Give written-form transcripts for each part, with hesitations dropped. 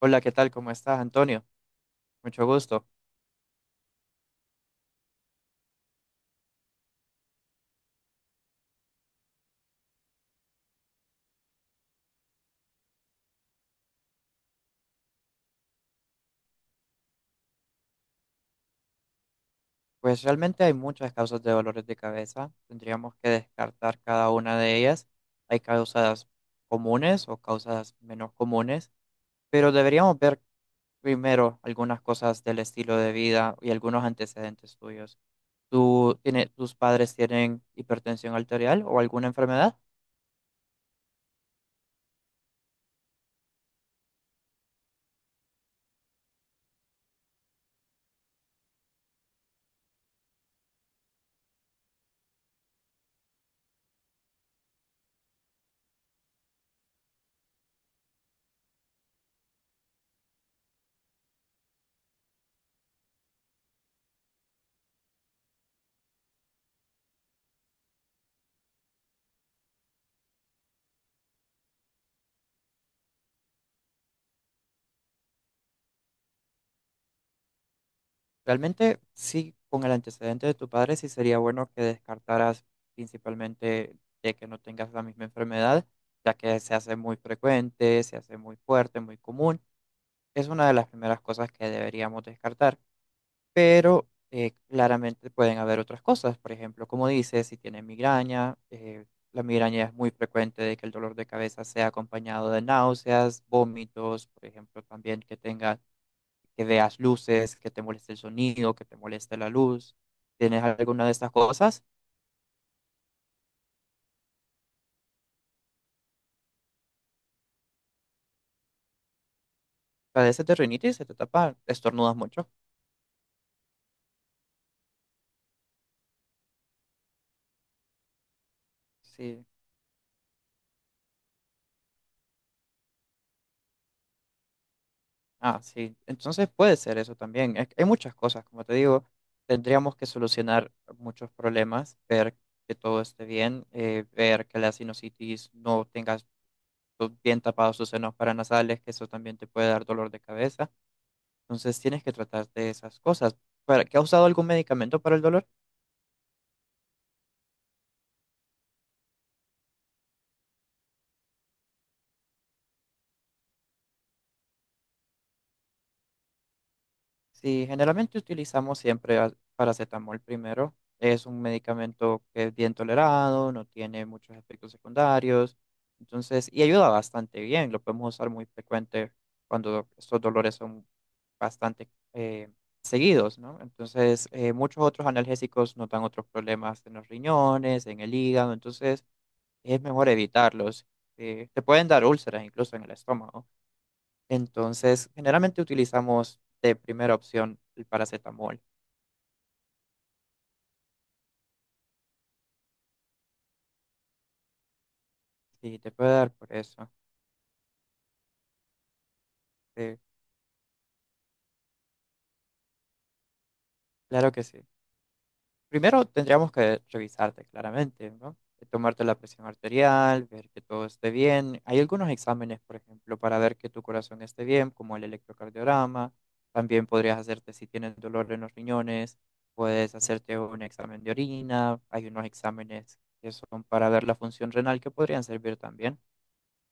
Hola, ¿qué tal? ¿Cómo estás, Antonio? Mucho gusto. Pues realmente hay muchas causas de dolores de cabeza. Tendríamos que descartar cada una de ellas. Hay causas comunes o causas menos comunes, pero deberíamos ver primero algunas cosas del estilo de vida y algunos antecedentes tuyos. Tus padres tienen hipertensión arterial o alguna enfermedad? Realmente sí, con el antecedente de tu padre sí sería bueno que descartaras principalmente de que no tengas la misma enfermedad, ya que se hace muy frecuente, se hace muy fuerte, muy común. Es una de las primeras cosas que deberíamos descartar, pero claramente pueden haber otras cosas. Por ejemplo, como dices, si tienes migraña, la migraña es muy frecuente de que el dolor de cabeza sea acompañado de náuseas, vómitos, por ejemplo, también que tengas que veas luces, que te moleste el sonido, que te moleste la luz. ¿Tienes alguna de estas cosas? ¿Padeces de rinitis? ¿Se te tapa? ¿Estornudas mucho? Sí. Ah, sí. Entonces puede ser eso también. Hay muchas cosas, como te digo, tendríamos que solucionar muchos problemas, ver que todo esté bien, ver que la sinusitis no tengas bien tapados sus senos paranasales, que eso también te puede dar dolor de cabeza. Entonces tienes que tratar de esas cosas. ¿Qué has usado algún medicamento para el dolor? Sí, generalmente utilizamos siempre paracetamol primero. Es un medicamento que es bien tolerado, no tiene muchos efectos secundarios, entonces, y ayuda bastante bien. Lo podemos usar muy frecuente cuando estos dolores son bastante seguidos, ¿no? Entonces, muchos otros analgésicos nos dan otros problemas en los riñones, en el hígado, entonces es mejor evitarlos. Te pueden dar úlceras incluso en el estómago. Entonces, generalmente utilizamos de primera opción el paracetamol. Si te puede dar por eso. Sí, claro que sí. Primero tendríamos que revisarte claramente, ¿no? Tomarte la presión arterial, ver que todo esté bien. Hay algunos exámenes, por ejemplo, para ver que tu corazón esté bien, como el electrocardiograma. También podrías hacerte si tienes dolor en los riñones, puedes hacerte un examen de orina. Hay unos exámenes que son para ver la función renal que podrían servir también.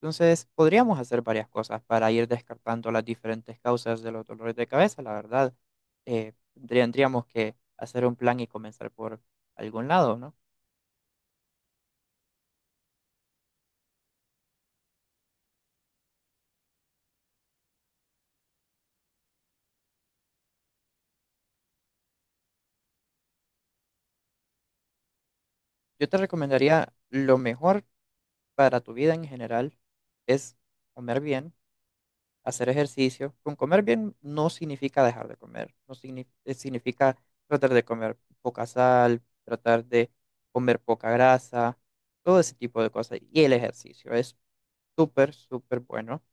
Entonces, podríamos hacer varias cosas para ir descartando las diferentes causas de los dolores de cabeza, la verdad. Eh, tendríamos que hacer un plan y comenzar por algún lado, ¿no? Yo te recomendaría lo mejor para tu vida en general es comer bien, hacer ejercicio. Con comer bien no significa dejar de comer, no signi- significa tratar de comer poca sal, tratar de comer poca grasa, todo ese tipo de cosas. Y el ejercicio es súper, súper bueno,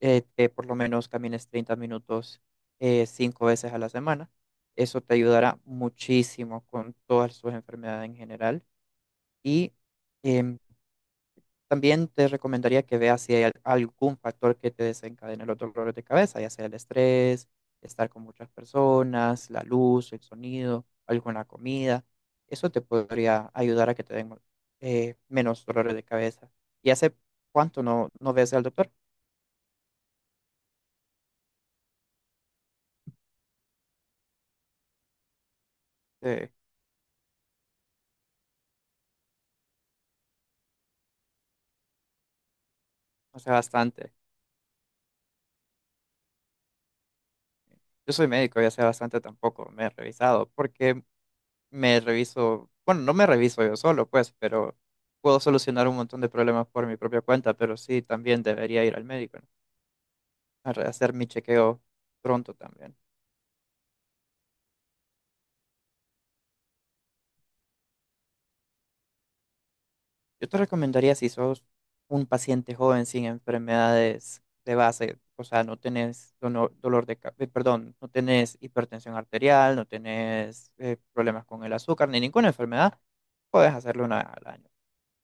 que por lo menos camines 30 minutos cinco veces a la semana. Eso te ayudará muchísimo con todas sus enfermedades en general. Y em, también te recomendaría que veas si hay algún factor que te desencadene los dolores de cabeza, ya sea el estrés, estar con muchas personas, la luz, el sonido, alguna comida. Eso te podría ayudar a que te den menos dolores de cabeza. ¿Y hace cuánto no ves al doctor? Sí, no sé bastante. Yo soy médico, ya sé bastante tampoco. Me he revisado porque me reviso, bueno, no me reviso yo solo, pues, pero puedo solucionar un montón de problemas por mi propia cuenta, pero sí, también debería ir al médico, ¿no? Hacer mi chequeo pronto también. Yo te recomendaría si sos un paciente joven sin enfermedades de base, o sea, no tenés dono- dolor de, ca- perdón, no tenés hipertensión arterial, no tenés problemas con el azúcar ni ninguna enfermedad, puedes hacerlo una vez al año.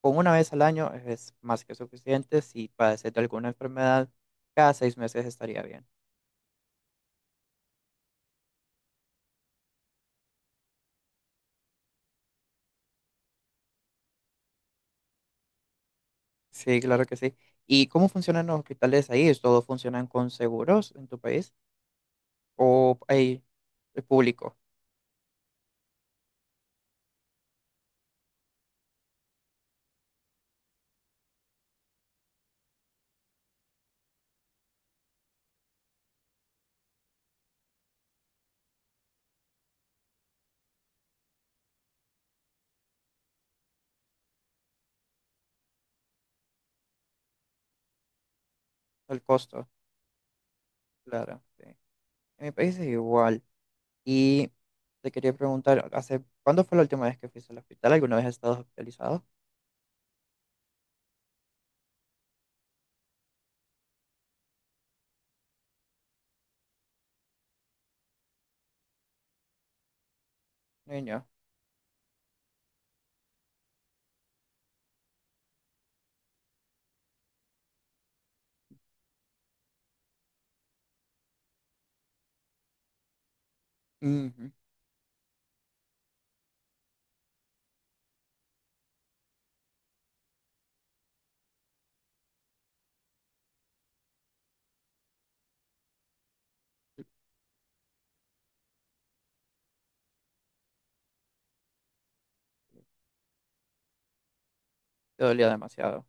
Con una vez al año es más que suficiente. Si padeces de alguna enfermedad, cada 6 meses estaría bien. Sí, claro que sí. ¿Y cómo funcionan los hospitales ahí? ¿Todos funcionan con seguros en tu país? ¿O hay el público? El costo, claro. Sí. En mi país es igual. Y te quería preguntar, ¿hace cuándo fue la última vez que fuiste al hospital? ¿Alguna vez has estado hospitalizado? Niño. Ujú. Te dolía demasiado.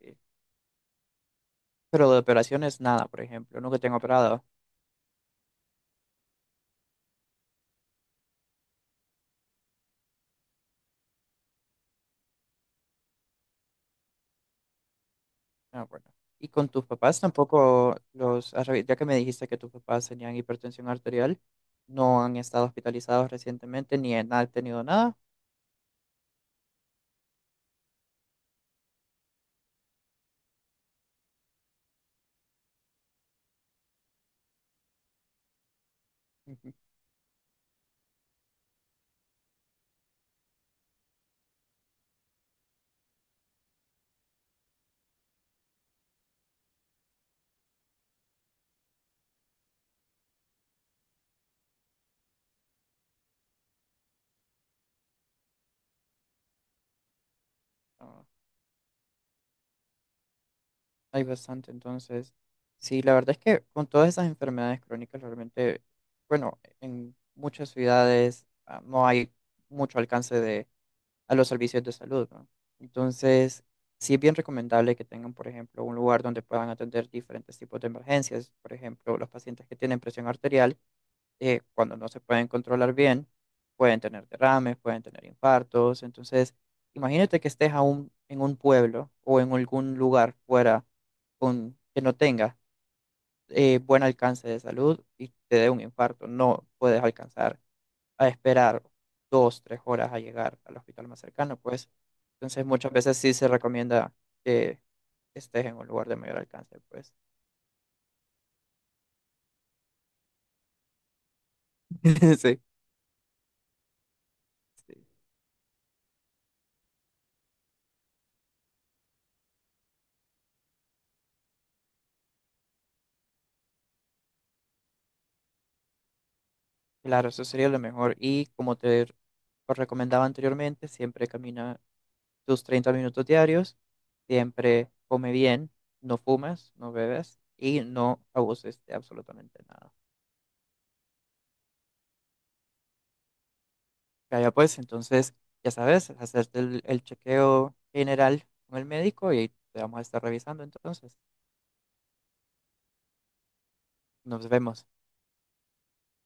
Sí. Pero de operaciones, nada, por ejemplo. Nunca te han operado. Ah, bueno. Y con tus papás tampoco los has ya que me dijiste que tus papás tenían hipertensión arterial, no han estado hospitalizados recientemente ni han tenido nada. Ujú. Hay bastante, entonces, sí, la verdad es que con todas esas enfermedades crónicas realmente, bueno, en muchas ciudades no hay mucho alcance de, a los servicios de salud, ¿no? Entonces, sí es bien recomendable que tengan, por ejemplo, un lugar donde puedan atender diferentes tipos de emergencias, por ejemplo, los pacientes que tienen presión arterial cuando no se pueden controlar bien, pueden tener derrames, pueden tener infartos. Entonces, imagínate que estés aún en un pueblo o en algún lugar fuera con, que no tenga buen alcance de salud y te dé un infarto. No puedes alcanzar a esperar 2, 3 horas a llegar al hospital más cercano, pues. Entonces, muchas veces sí se recomienda que estés en un lugar de mayor alcance, pues. Sí. Sí. Claro, eso sería lo mejor. Y como te os recomendaba anteriormente, siempre camina tus 30 minutos diarios, siempre come bien, no fumas, no bebes y no abuses de absolutamente nada. Ya, ya pues, entonces, ya sabes, hacerte el chequeo general con el médico y te vamos a estar revisando entonces. Nos vemos.